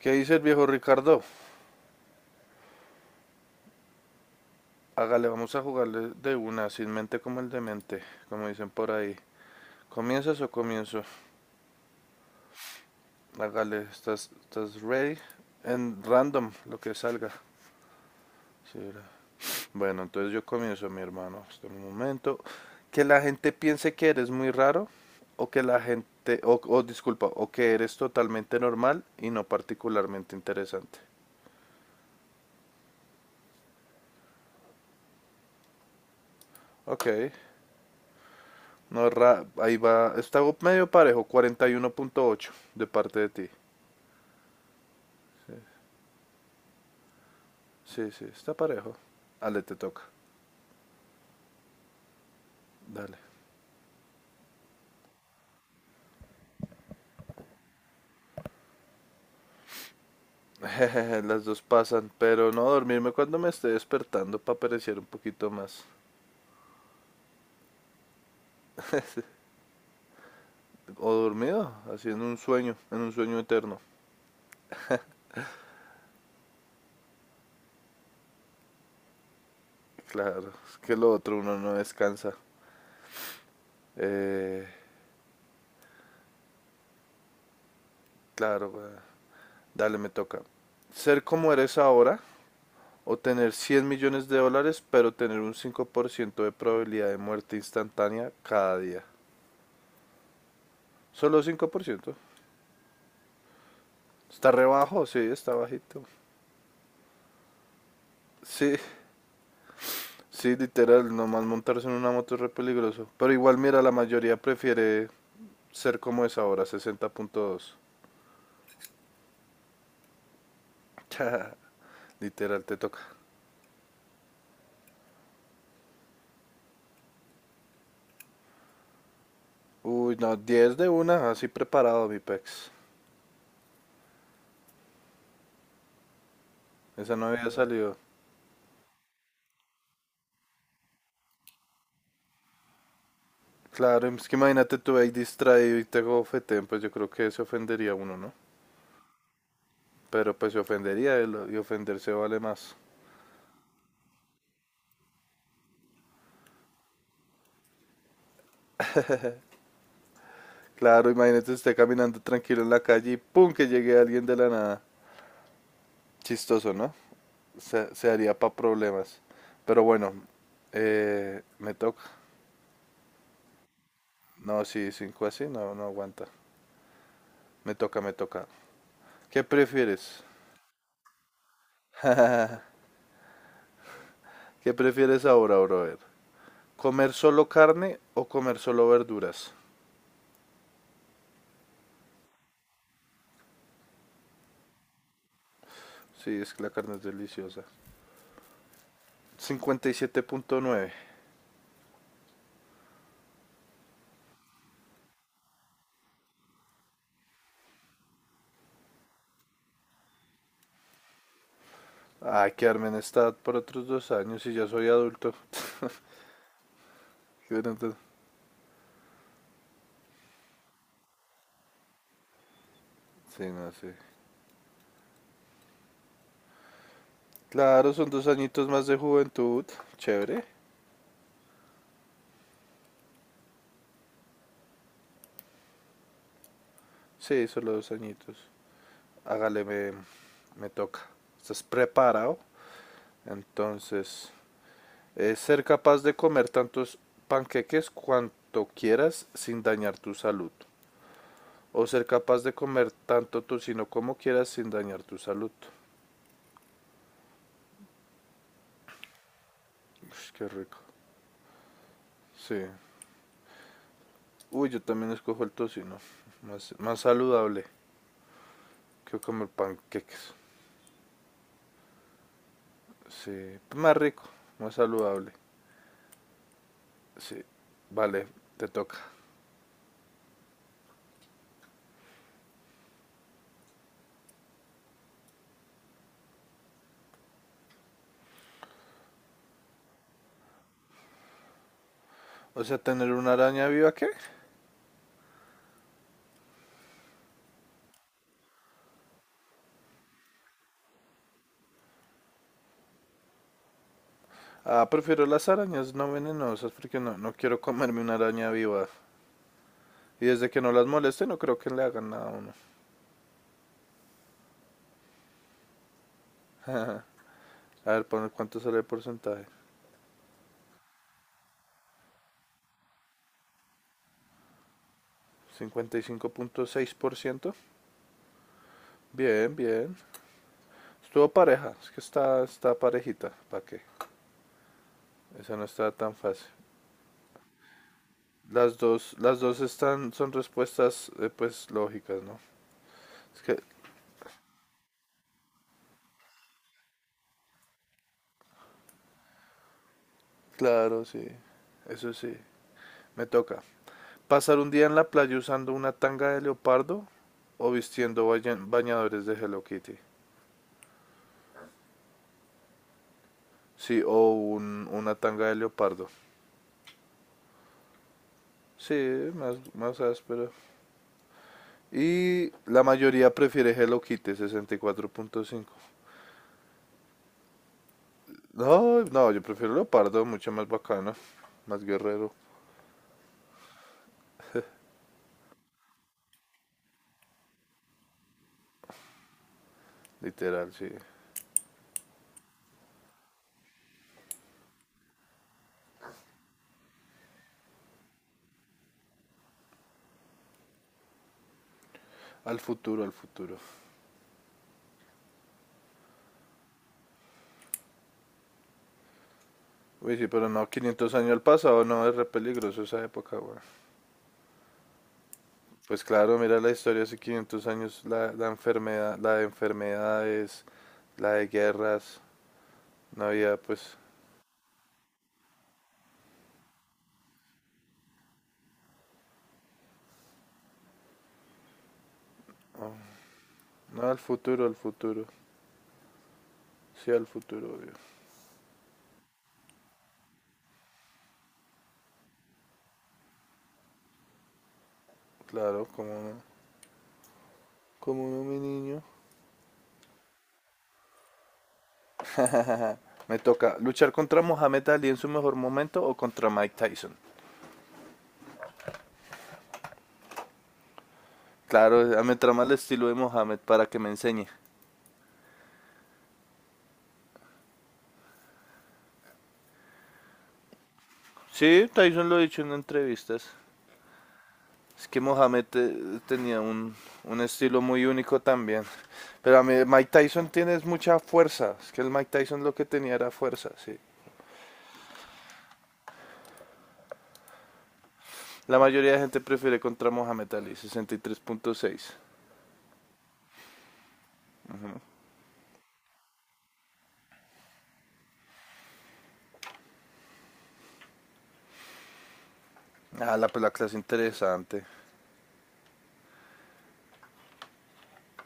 ¿Qué dice el viejo Ricardo? Hágale, vamos a jugarle de una, sin mente como el demente, como dicen por ahí. ¿Comienzas o comienzo? Hágale, estás ready en random, lo que salga. Sí, bueno, entonces yo comienzo, mi hermano. Hasta un momento. Que la gente piense que eres muy raro, o que la gente, o disculpa, o que eres totalmente normal y no particularmente interesante. Ok, no, ahí va, está medio parejo, cuarenta y uno punto ocho de parte de ti. Sí, sí, está parejo. Ale, te toca. Dale. Las dos pasan, pero no dormirme cuando me esté despertando para perecer un poquito más. O dormido, así en un sueño eterno. Claro, es que lo otro uno no descansa. Eh, claro, güey. Dale, me toca. Ser como eres ahora o tener 100 millones de dólares, pero tener un 5% de probabilidad de muerte instantánea cada día. Solo 5%. Está rebajo, sí, está bajito. Sí, sí, literal, nomás montarse en una moto es re peligroso. Pero igual, mira, la mayoría prefiere ser como es ahora, 60.2. Literal, te toca. Uy, no, diez de una, así preparado, mi pex. Esa no había salido. Claro, es que imagínate tú ahí distraído y te gofeten, pues yo creo que se ofendería uno, ¿no? Pero pues se ofendería él y ofenderse vale más. Claro, imagínate esté caminando tranquilo en la calle y ¡pum! Que llegue alguien de la nada. Chistoso, ¿no? Se haría para problemas. Pero bueno, me toca. No, sí, cinco así, no, no aguanta. Me toca, me toca. ¿Qué prefieres? ¿Qué prefieres ahora, brother? ¿Comer solo carne o comer solo verduras? Sí, es que la carne es deliciosa. Cincuenta y siete punto nueve. Ay, quedarme en estado por otros dos años y ya soy adulto. Qué bueno, entonces sí, no, sí. Claro, son dos añitos más de juventud. Chévere. Sí, solo dos añitos. Hágale, me toca. ¿Estás preparado? Entonces, es ser capaz de comer tantos panqueques cuanto quieras sin dañar tu salud. O ser capaz de comer tanto tocino como quieras sin dañar tu salud. Ush, qué rico. Sí. Uy, yo también escojo el tocino. Más, más saludable que comer panqueques. Sí. Más rico, más saludable. Sí. Vale, te toca. O sea, tener una araña viva, ¿qué? Ah, prefiero las arañas no venenosas porque no, no quiero comerme una araña viva. Y desde que no las moleste no creo que le hagan nada a uno. A ver, ¿cuánto sale el porcentaje? Cincuenta y cinco punto seis por ciento. Bien, bien. Estuvo pareja, es que está, está parejita. ¿Para qué? Esa no está tan fácil. Las dos están, son respuestas pues lógicas, ¿no? Es que, claro, sí. Eso sí. Me toca. ¿Pasar un día en la playa usando una tanga de leopardo o vistiendo bañadores de Hello Kitty? Sí, o una tanga de leopardo. Sí, más, más áspero. Y la mayoría prefiere Hello Kitty, 64.5. No, no, yo prefiero leopardo, mucho más bacano, más guerrero, literal, sí. Al futuro, al futuro. Uy, sí, pero no, 500 años al pasado, no, es re peligroso esa época, güey. Pues claro, mira la historia hace 500 años, la enfermedad, la de enfermedades, la de guerras, no había pues, no, no, al futuro, sí al futuro, obvio. Claro, como no mi niño. Me toca luchar contra Mohamed Ali en su mejor momento o contra Mike Tyson. Claro, me trama el estilo de Mohamed para que me enseñe. Sí, Tyson lo ha dicho en entrevistas. Es que Mohamed tenía un estilo muy único también. Pero a mí, Mike Tyson tiene mucha fuerza. Es que el Mike Tyson lo que tenía era fuerza, sí. La mayoría de gente prefiere contra Mohamed Ali, 63.6. Ah, la, pues la clase interesante.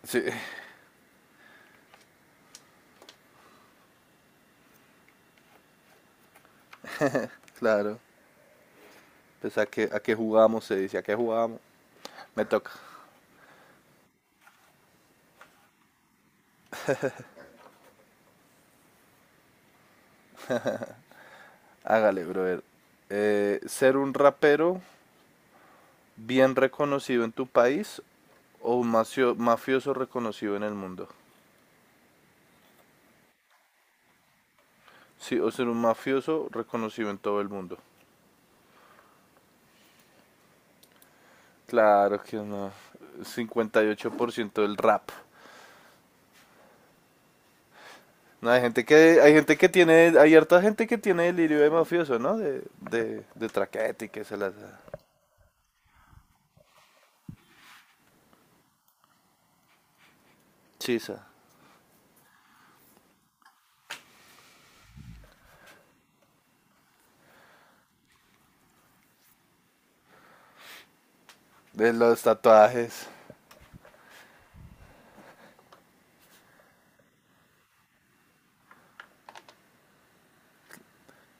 Sí, claro. Pues a qué jugamos, se dice, a qué jugamos. Me toca. Hágale, brother. Ser un rapero bien reconocido en tu país o un mafioso reconocido en el mundo. Sí, o ser un mafioso reconocido en todo el mundo. Claro que no. 58% del rap. No, hay gente que tiene, hay harta gente que tiene delirio de mafioso, ¿no? De traquete y que se las chisa. De los tatuajes.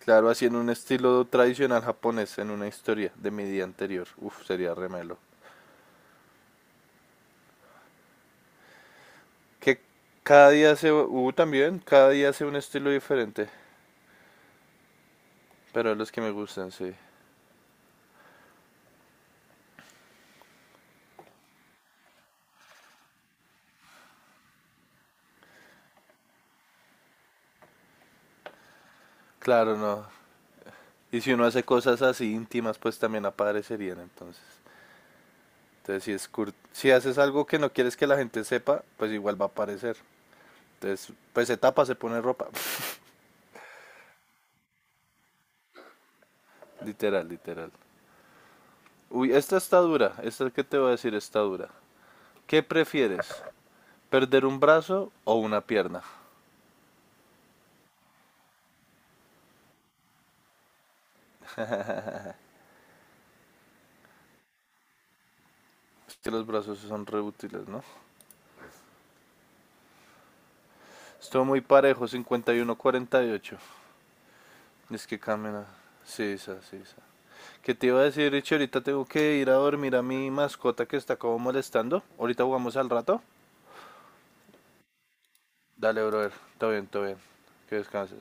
Claro, así en un estilo tradicional japonés, en una historia de mi día anterior. Uf, sería remelo. Que cada día se, también, cada día hace un estilo diferente. Pero los que me gustan, sí. Claro, no. Y si uno hace cosas así íntimas, pues también aparecerían entonces. Entonces, si, es si haces algo que no quieres que la gente sepa, pues igual va a aparecer. Entonces, pues se tapa, se pone ropa. Literal, literal. Uy, esta está dura. Esta que te voy a decir está dura. ¿Qué prefieres? ¿Perder un brazo o una pierna? Es que los brazos sí son reútiles, ¿no? Estuvo muy parejo, 51-48. Es que camina. Sí, esa, sí, esa. ¿Qué te iba a decir, Richie? Ahorita tengo que ir a dormir a mi mascota que está como molestando. Ahorita jugamos al rato. Dale, brother. Todo bien, todo bien. Que descanses.